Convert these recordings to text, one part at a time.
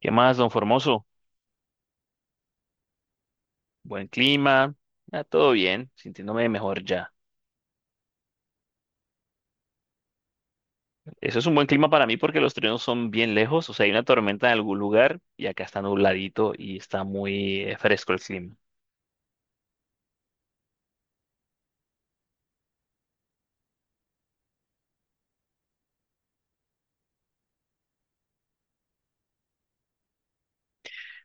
¿Qué más, don Formoso? Buen clima, todo bien, sintiéndome mejor ya. Eso es un buen clima para mí porque los truenos son bien lejos, o sea, hay una tormenta en algún lugar y acá está nubladito y está muy fresco el clima.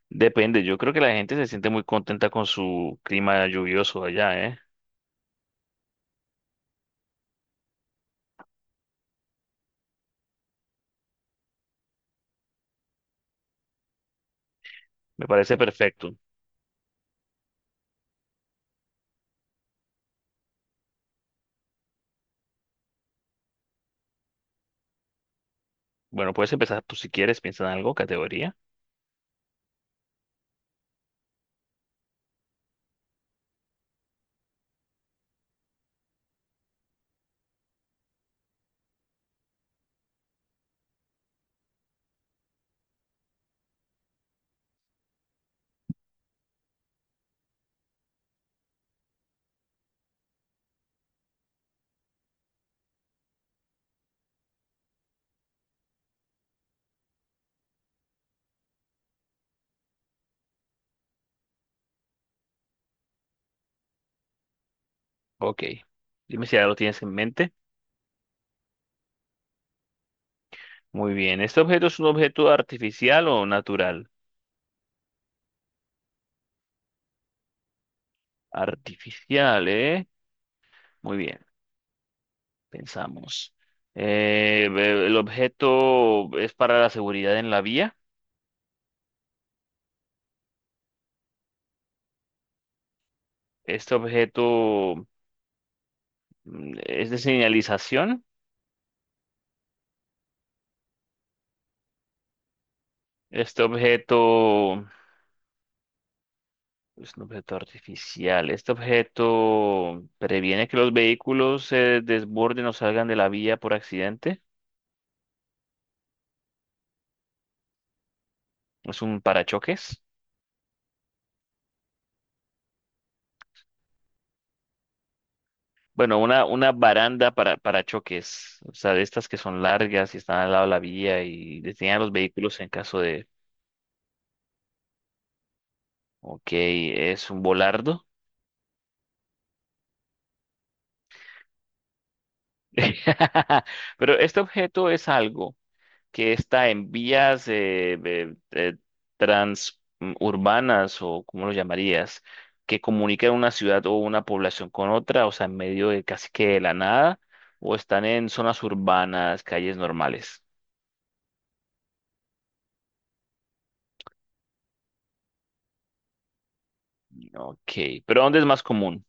Depende, yo creo que la gente se siente muy contenta con su clima lluvioso allá, ¿eh? Me parece perfecto. Bueno, puedes empezar tú si quieres, piensa en algo, categoría. Ok, dime si ya lo tienes en mente. Muy bien, ¿este objeto es un objeto artificial o natural? Artificial, ¿eh? Muy bien. Pensamos. Eh, el objeto es para la seguridad en la vía. Este objeto es de señalización. Este objeto es un objeto artificial. Este objeto previene que los vehículos se desborden o salgan de la vía por accidente. Es un parachoques. Bueno, una baranda para parachoques. O sea, de estas que son largas y están al lado de la vía y detienen a los vehículos en caso de... Ok, es un volardo. Pero este objeto es algo que está en vías transurbanas o como lo llamarías, que comunican una ciudad o una población con otra, o sea, en medio de casi que de la nada, o están en zonas urbanas, calles normales. Ok, pero ¿dónde es más común?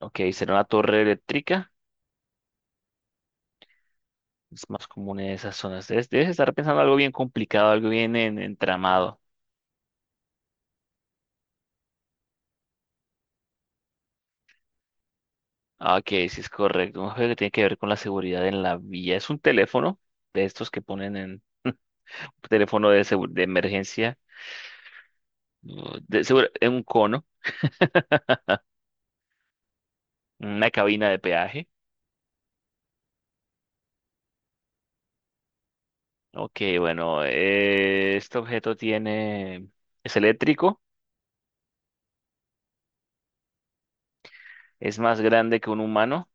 Ok, será una torre eléctrica, es más común en esas zonas. Debes, debes estar pensando algo bien complicado, algo bien entramado. Ah, ok, sí es correcto. Un juego que tiene que ver con la seguridad en la vía. Es un teléfono de estos que ponen en teléfono de, de emergencia, en un cono, una cabina de peaje. Ok, bueno, este objeto tiene, es eléctrico, es más grande que un humano.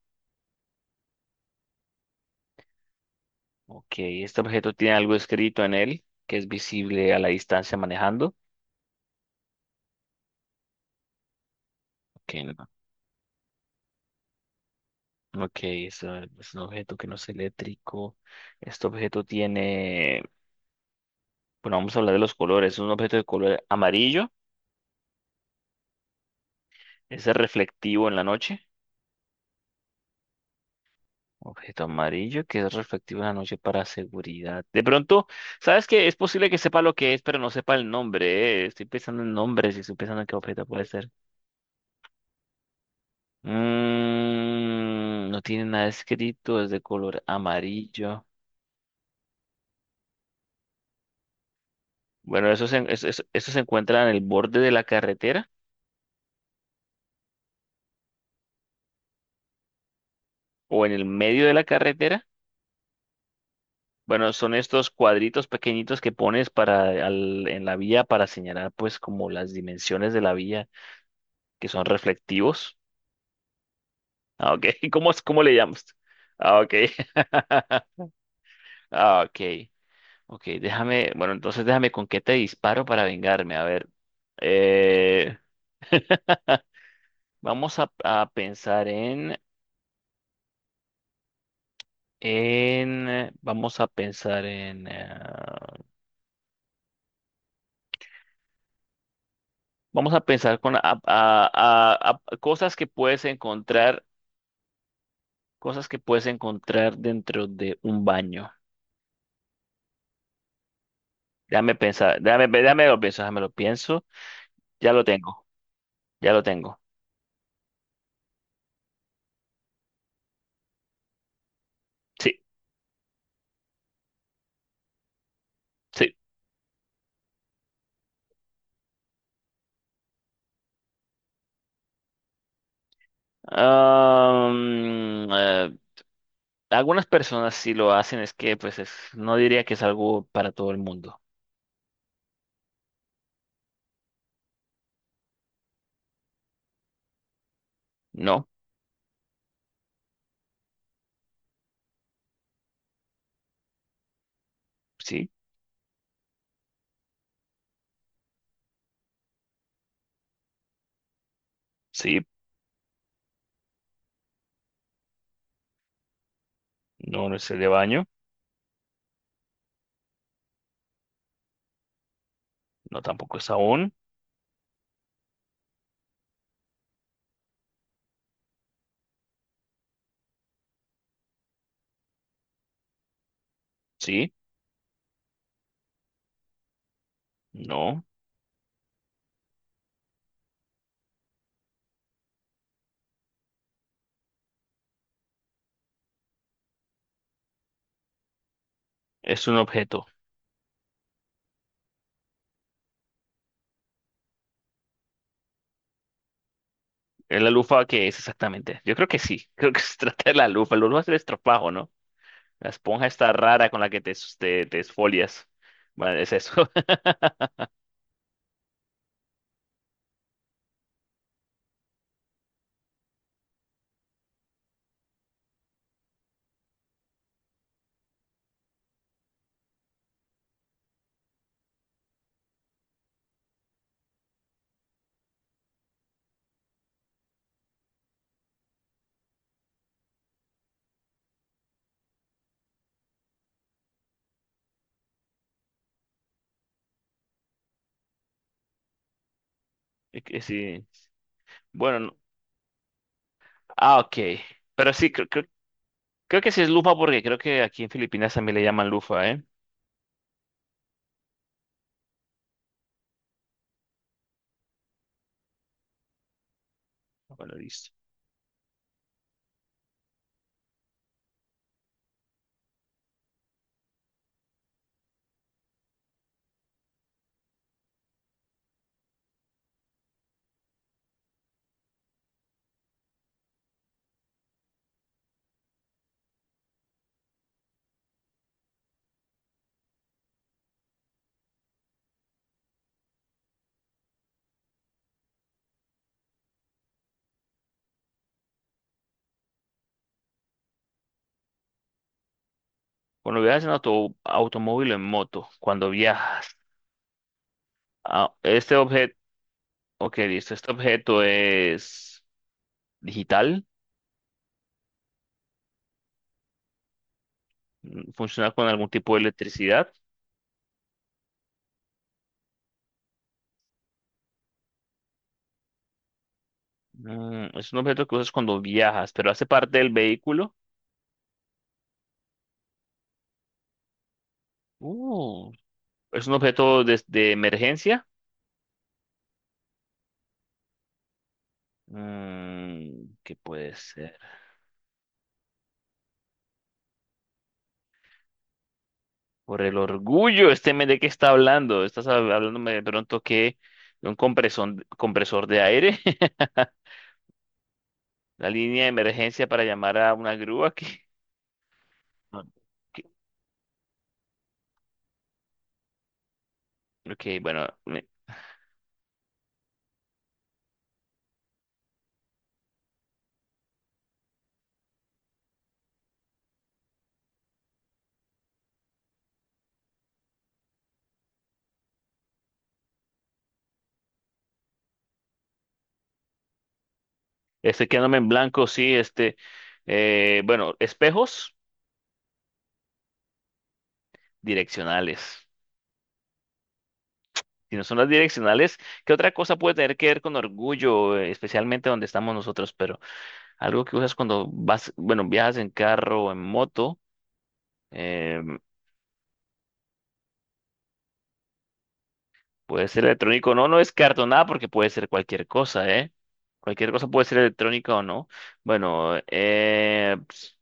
Ok, este objeto tiene algo escrito en él que es visible a la distancia manejando. Ok, ok, es un objeto que no es eléctrico. Este objeto tiene bueno, vamos a hablar de los colores. Es un objeto de color amarillo, es reflectivo en la noche. Objeto amarillo que es reflectivo en la noche para seguridad. De pronto, ¿sabes qué? Es posible que sepa lo que es, pero no sepa el nombre. Estoy pensando en nombres y estoy pensando en qué objeto puede ser. No tiene nada escrito, es de color amarillo. Bueno, eso se encuentra en el borde de la carretera o en el medio de la carretera. Bueno, son estos cuadritos pequeñitos que pones para en la vía para señalar pues como las dimensiones de la vía que son reflectivos. Ah, ok. ¿Cómo, cómo le llamas? Ah, ok. Ah, ok. Ok, déjame, bueno, entonces déjame con qué te disparo para vengarme. A ver. Eh, vamos a pensar en, vamos a pensar en, vamos a pensar con a cosas que puedes encontrar cosas que puedes encontrar dentro de un baño. Déjame pensar, déjame lo pienso. Ya lo tengo, ya lo tengo. Sí, sí. Am, eh, Algunas personas sí lo hacen, es que pues es, no diría que es algo para todo el mundo. No, sí, sí, no, no es el de baño, no tampoco es aún, sí, no, es un objeto. Es la lufa que es exactamente. Yo creo que sí, creo que se trata de la lufa. La lufa es el estropajo, ¿no? La esponja está rara con la que te esfolias. Bueno, es eso. Es que sí. Bueno, no- ah, ok. Pero sí, creo que sí es lufa porque creo que aquí en Filipinas también le llaman lufa, ¿eh? Bueno, listo. Cuando viajas en auto, automóvil o en moto, cuando viajas, ah, este objeto, ok, listo, este objeto es digital, funciona con algún tipo de electricidad. Es un objeto que usas cuando viajas, pero hace parte del vehículo. Uh, es un objeto de emergencia. ¿Qué puede ser? Por el orgullo, este men de qué está hablando. Estás hablándome de pronto que de un compresor, compresor de aire, la línea de emergencia para llamar a una grúa. Que, no, que- ok, bueno, estoy quedándome en blanco, sí, este, bueno, espejos direccionales. Si no son las direccionales, ¿qué otra cosa puede tener que ver con orgullo, especialmente donde estamos nosotros? Pero algo que usas cuando vas, bueno, viajas en carro o en moto. Em, Puede ser electrónico, o no, no descarto nada porque puede ser cualquier cosa, ¿eh? Cualquier cosa puede ser electrónica o no. Bueno,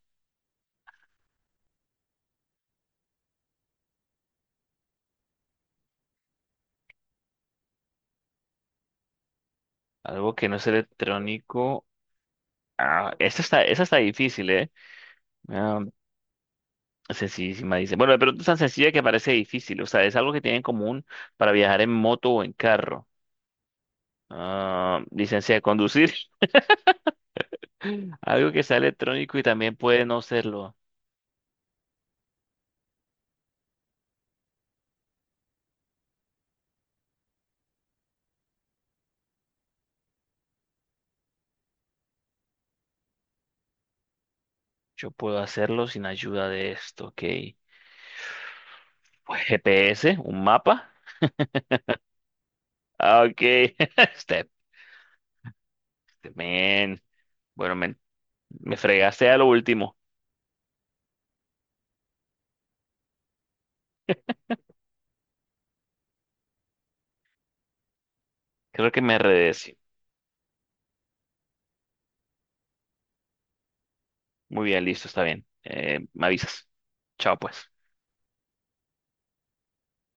algo que no es electrónico. Esa está difícil, ¿eh? Ah, sencillísima, dice. Bueno, pero es tan sencilla que parece difícil. O sea, es algo que tienen en común para viajar en moto o en carro. Ah, licencia de conducir. Algo que sea electrónico y también puede no serlo. Yo puedo hacerlo sin ayuda de esto, ¿ok? Pues, GPS, un mapa. Ah, ok. Step, man. Bueno, men, me fregaste a lo último. Creo que me redecí. Muy bien, listo, está bien. Me avisas. Chao, pues.